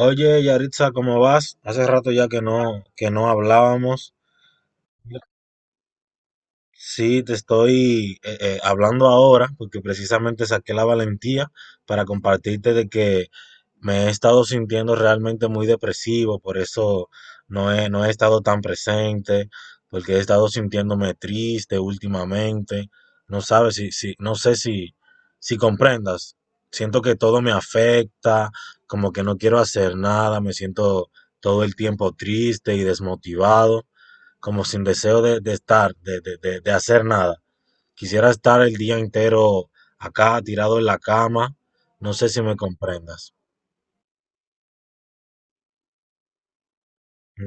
Oye, Yaritza, ¿cómo vas? Hace rato ya que no hablábamos. Sí, te estoy hablando ahora porque precisamente saqué la valentía para compartirte de que me he estado sintiendo realmente muy depresivo, por eso no he estado tan presente, porque he estado sintiéndome triste últimamente. No sabes no sé si, si comprendas. Siento que todo me afecta, como que no quiero hacer nada, me siento todo el tiempo triste y desmotivado como sin deseo de estar, de hacer nada. Quisiera estar el día entero acá, tirado en la cama. No sé si me comprendas.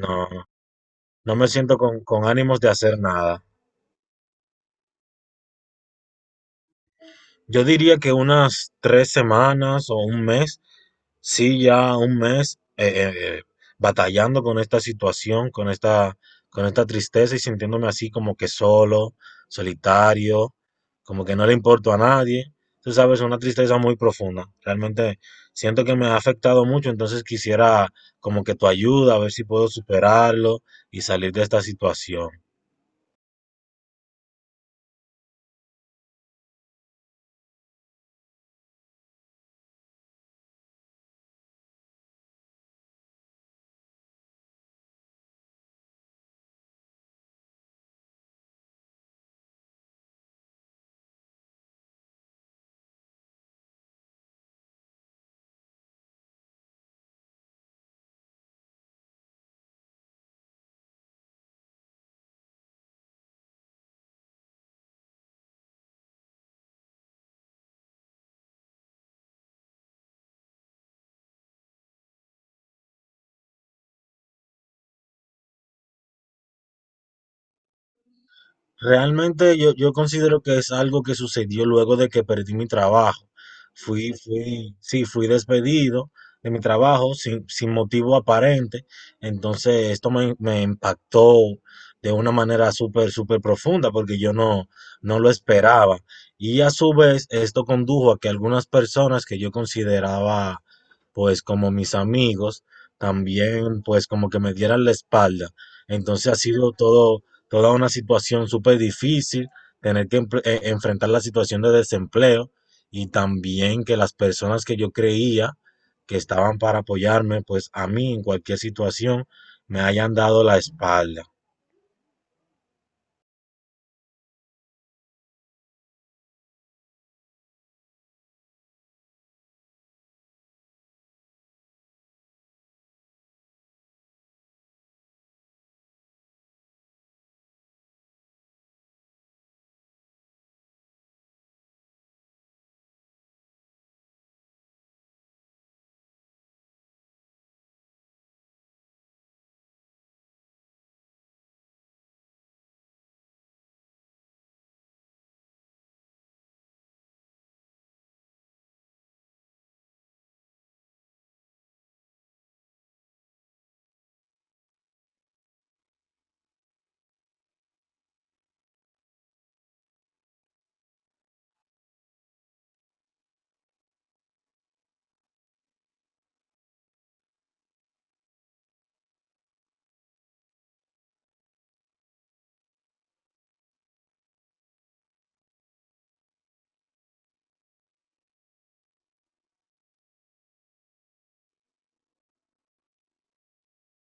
No, no me siento con ánimos de hacer nada. Yo diría que unas 3 semanas o un mes, sí, ya un mes eh, batallando con esta situación, con esta tristeza y sintiéndome así como que solo, solitario, como que no le importo a nadie. Tú sabes, una tristeza muy profunda. Realmente siento que me ha afectado mucho, entonces quisiera como que tu ayuda, a ver si puedo superarlo y salir de esta situación. Realmente yo considero que es algo que sucedió luego de que perdí mi trabajo. Sí, fui despedido de mi trabajo sin motivo aparente. Entonces esto me impactó de una manera súper profunda porque yo no, no lo esperaba. Y a su vez esto condujo a que algunas personas que yo consideraba pues como mis amigos también pues como que me dieran la espalda. Entonces ha sido todo toda una situación súper difícil, tener que enfrentar la situación de desempleo y también que las personas que yo creía que estaban para apoyarme, pues a mí en cualquier situación me hayan dado la espalda.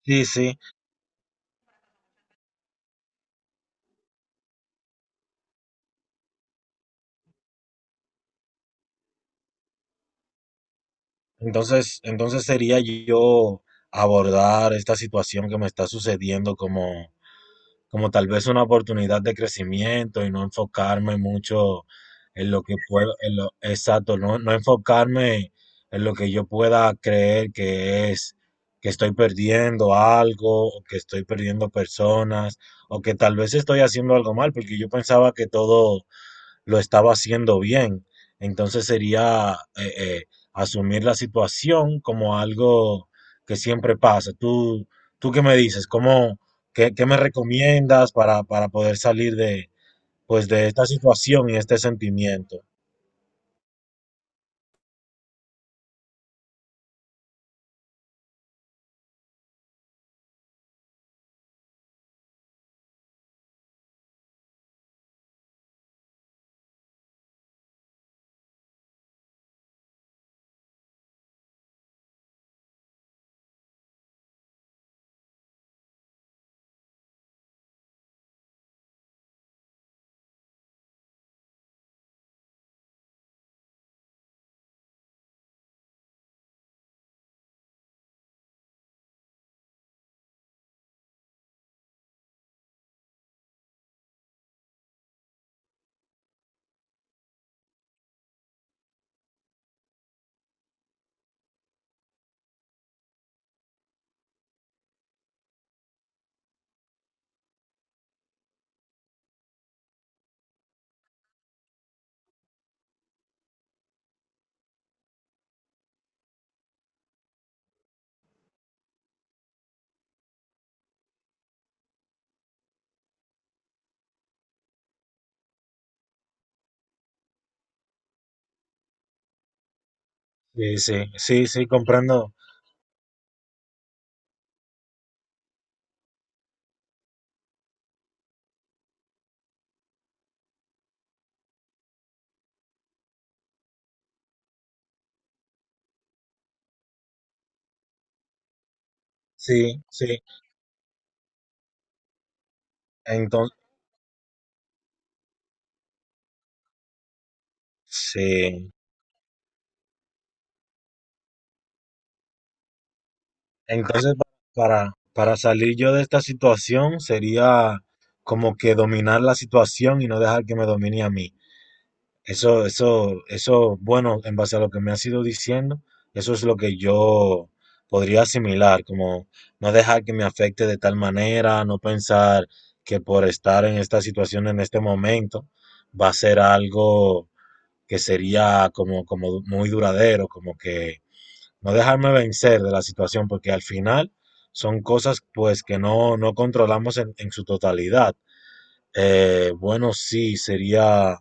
Sí, sí. Entonces sería yo abordar esta situación que me está sucediendo como tal vez una oportunidad de crecimiento y no enfocarme mucho en lo que puedo, en lo, exacto, no, no enfocarme en lo que yo pueda creer que es, que estoy perdiendo algo, o que estoy perdiendo personas, o que tal vez estoy haciendo algo mal, porque yo pensaba que todo lo estaba haciendo bien. Entonces sería asumir la situación como algo que siempre pasa. ¿Tú, tú qué me dices? ¿Cómo, qué, qué me recomiendas para poder salir de, pues, de esta situación y este sentimiento? Sí, sí, sí, sí, comprendo. Sí, sí. Entonces, sí. Entonces, pa- para salir yo de esta situación sería como que dominar la situación y no dejar que me domine a mí. Eso, bueno, en base a lo que me has ido diciendo, eso es lo que yo podría asimilar, como no dejar que me afecte de tal manera, no pensar que por estar en esta situación en este momento va a ser algo que sería como, como muy duradero, como que no dejarme vencer de la situación, porque al final son cosas pues que no, no controlamos en su totalidad. Bueno, sí, sería,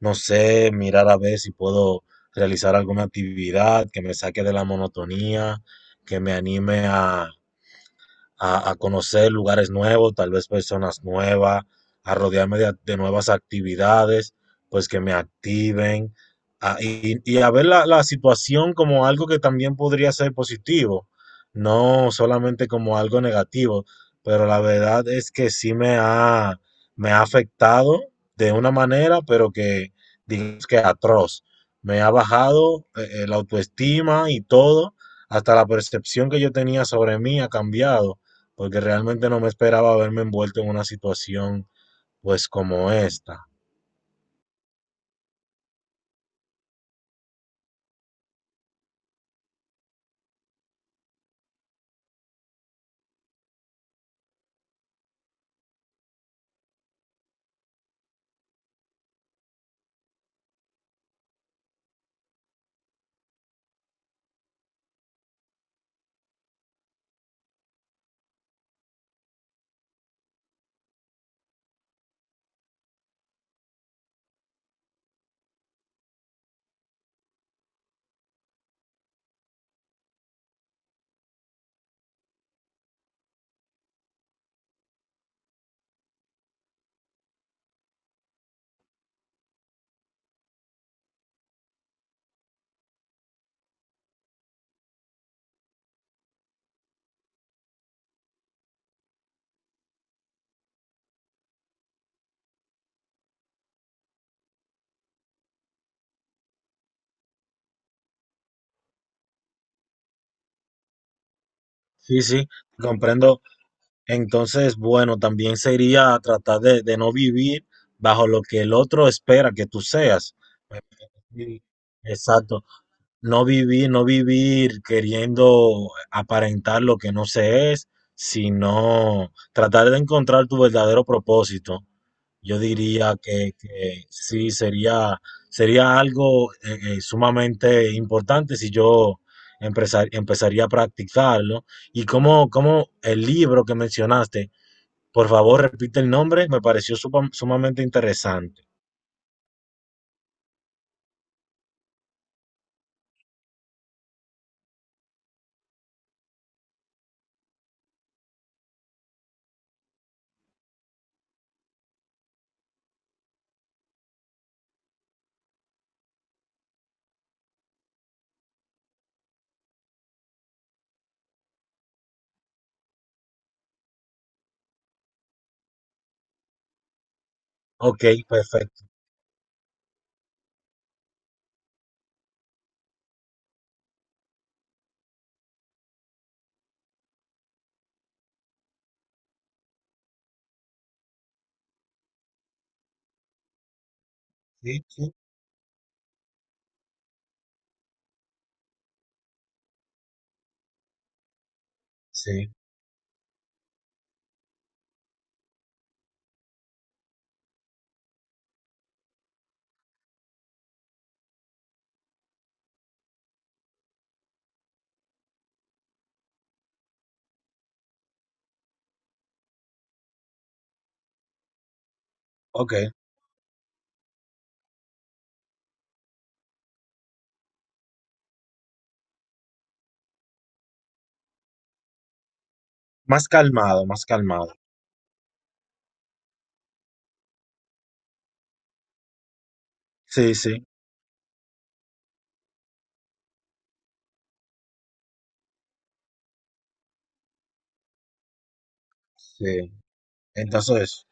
no sé, mirar a ver si puedo realizar alguna actividad que me saque de la monotonía, que me anime a conocer lugares nuevos, tal vez personas nuevas, a rodearme de nuevas actividades, pues que me activen, y a ver la, la situación como algo que también podría ser positivo, no solamente como algo negativo, pero la verdad es que sí me ha afectado de una manera, pero que digamos que atroz. Me ha bajado la autoestima y todo, hasta la percepción que yo tenía sobre mí ha cambiado porque realmente no me esperaba verme envuelto en una situación pues como esta. Sí, sí, comprendo. Entonces, bueno, también sería tratar de no vivir bajo lo que el otro espera que tú seas. Sí, exacto. No vivir, no vivir queriendo aparentar lo que no se es, sino tratar de encontrar tu verdadero propósito. Yo diría que sí, sería, sería algo sumamente importante si yo empezaría a practicarlo. Y como, como el libro que mencionaste, por favor, repite el nombre, me pareció sumamente interesante. Ok, perfecto. Sí, sí, sí. Ok. Más calmado, más calmado. Sí, sí, sí. Entonces,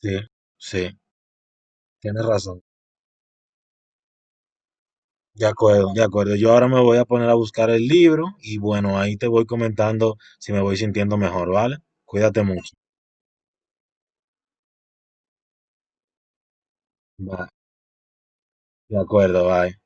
sí, sí, tienes razón. De acuerdo, de acuerdo. Yo ahora me voy a poner a buscar el libro y bueno, ahí te voy comentando si me voy sintiendo mejor, ¿vale? Cuídate mucho. Bye. De acuerdo, bye.